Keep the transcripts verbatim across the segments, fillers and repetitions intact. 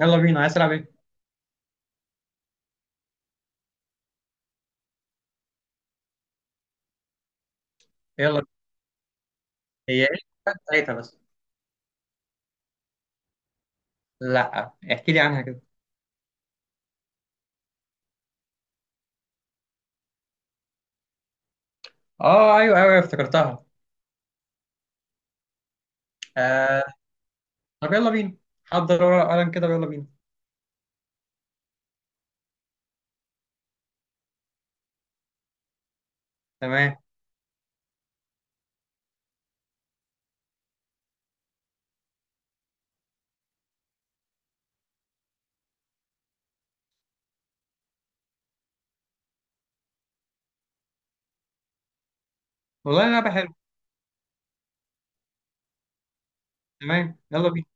يلا بينا، عايز تلعب ايه؟ يلا بينا. هي ايه ساعتها بس. لا، احكي لي عنها كده. اه ايوه ايوه أيوة، افتكرتها. آه. طب يلا بينا، حضر ورقة وقلم كده ويلا بينا. تمام. والله لعبة حلوة. تمام يلا بينا.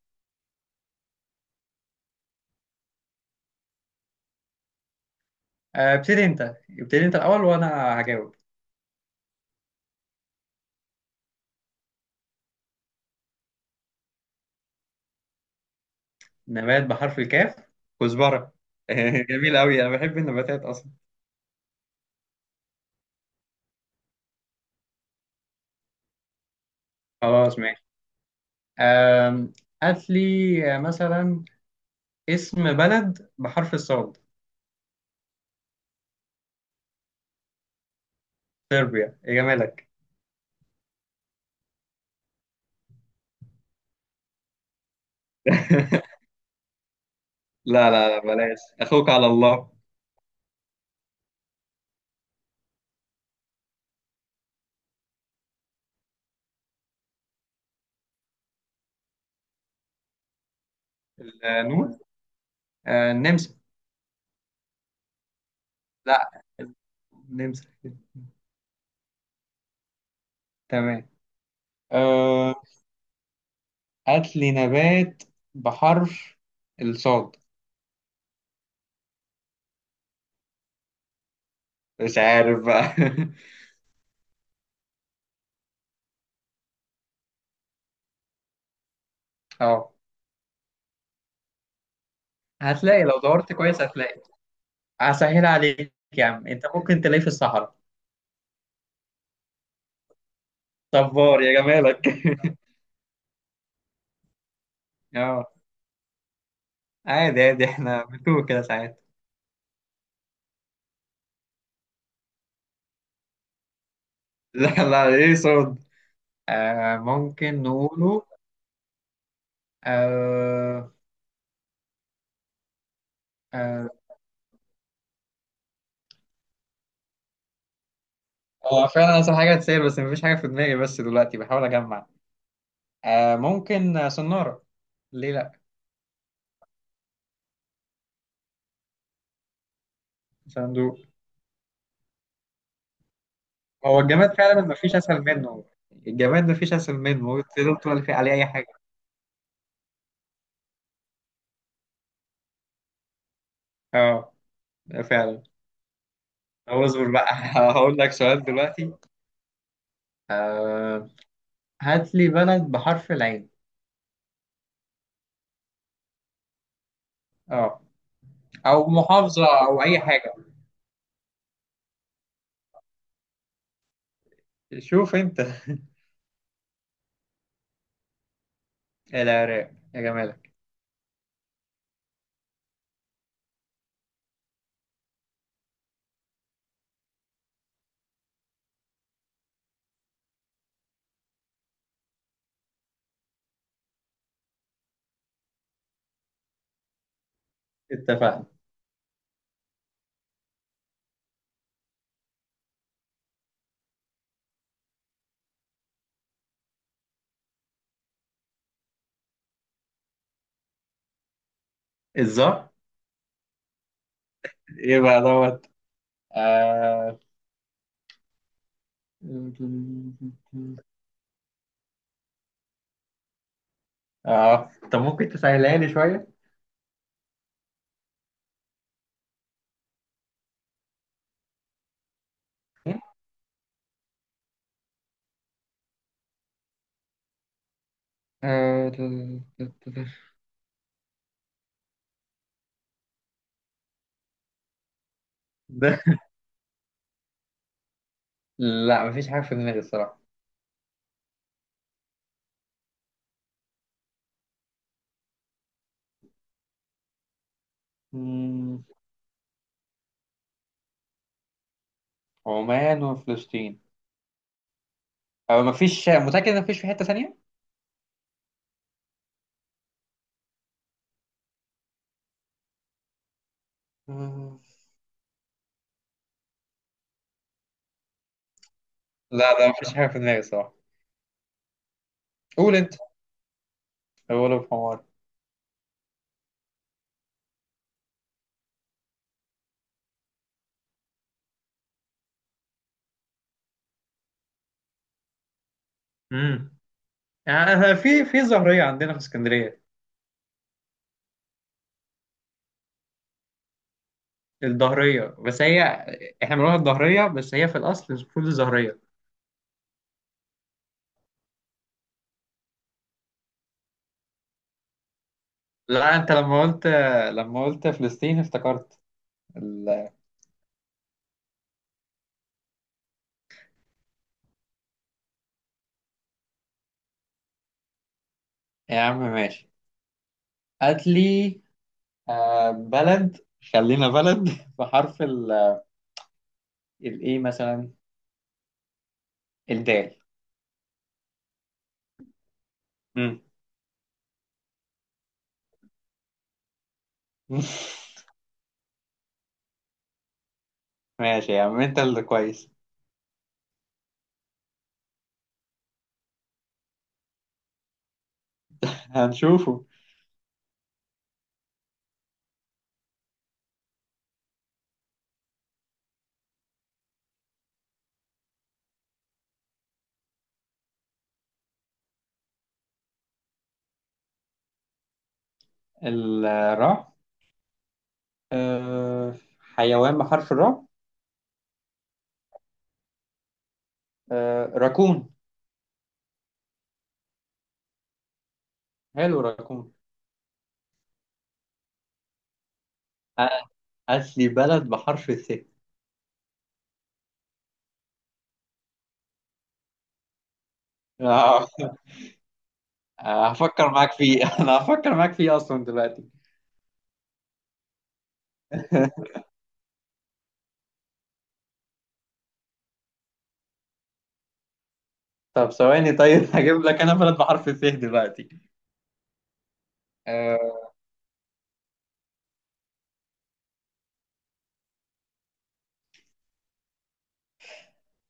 آه، ابتدي انت ابتدي انت الاول وانا هجاوب. نبات بحرف الكاف؟ كزبرة. جميل قوي، انا بحب النباتات اصلا. خلاص ماشي. آم، هات لي آه، مثلا اسم بلد بحرف الصاد. صربيا يا جمالك. لا لا لا، بلاش، اخوك على الله. النون. آه، النمسا. لا، النمسا. تمام. آه هات لي نبات بحرف الصاد. مش عارف بقى. اه، هتلاقي لو دورت كويس هتلاقي. هسهل عليك. يا عم انت ممكن تلاقيه في الصحراء. صبار يا جمالك. اه. عادي عادي، احنا بنتوه كده ساعات. لا لا، ايه صاد؟ آه ممكن نقوله. آه. آه. هو فعلا أصل حاجة تسير، بس مفيش حاجة في دماغي، بس دلوقتي بحاول أجمع. آه ممكن آه، صنارة. ليه لأ؟ صندوق. هو الجماد فعلا مفيش أسهل منه. الجماد مفيش أسهل منه، تقدر تقول في- عليه أي حاجة. اه فعلا. هو اصبر بقى. هقول لك سؤال دلوقتي. آه، هات لي بلد بحرف العين. اه، أو محافظة أو أي حاجة. شوف أنت. العراق يا جمالك. اتفقنا. الظهر. ايه بقى دوت؟ آه... اه، طب ممكن تسهلها لي شوية؟ آه. ت- ت- ت- ده. لا مفيش حاجة في دماغي الصراحة. مم، عمان وفلسطين، أو مفيش؟ متأكد إن مفيش في حتة ثانية؟ مم، لا لا مفيش حاجة في دماغي الصراحة. قول أنت أول في حمار. امم آه، في في ظاهرية عندنا في اسكندرية. الظهرية بس هي، احنا بنقولها الظهرية بس هي في الأصل المفروض الظهرية. لا، أنت لما قلت لما قلت فلسطين افتكرت ال... يا عم ماشي. هات لي آه بلد، خلينا بلد. بحرف ال الايه مثلا، الدال. مم. ماشي يا عم، انت اللي كويس. هنشوفه. الراء. آه، حيوان بحرف الراء. آه، راكون. حلو، راكون. آه، هات لي بلد بحرف الث. آه. آه، هفكر معاك فيه. انا هفكر معاك فيه اصلا دلوقتي. طب ثواني، طيب. هجيب لك انا بلد بحرف الث دلوقتي. آه.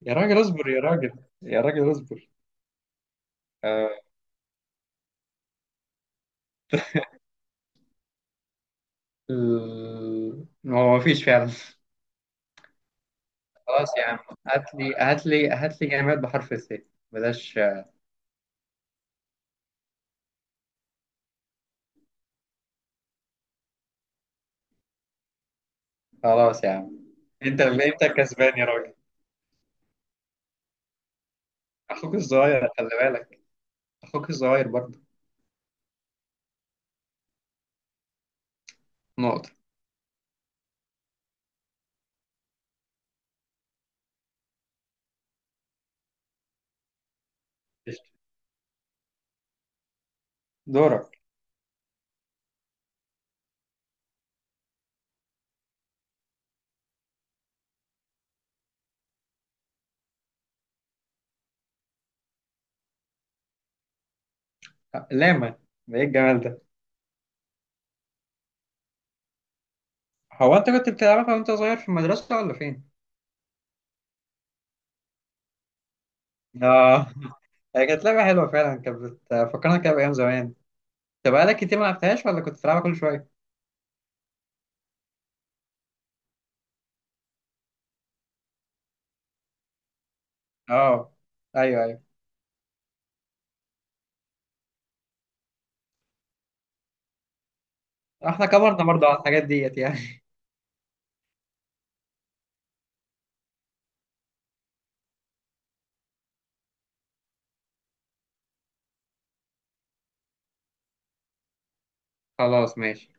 يا راجل اصبر يا راجل. يا راجل اصبر. آه، ال- هو مفيش فعلا. خلاص يا عم. هات لي هات لي هات لي جماد بحرف الث. بلاش. خلاص يا عم. انت اللي انت كسبان يا راجل. اخوك الصغير خلي بالك. اخوك الصغير برضه. نقطة. قشطة. دورك. لاما. ده ايه الجمال ده؟ هو انت كنت بتلعبها وانت صغير في المدرسة ولا فين؟ اه. هي كانت لعبة حلوة فعلا كانت. بتفكرنا كده بأيام زمان. انت بقالك كتير ما لعبتهاش ولا كنت بتلعبها كل شوية؟ اه ايوه ايوه. احنا كبرنا برضه على الحاجات ديت يعني. خلاص ماشي.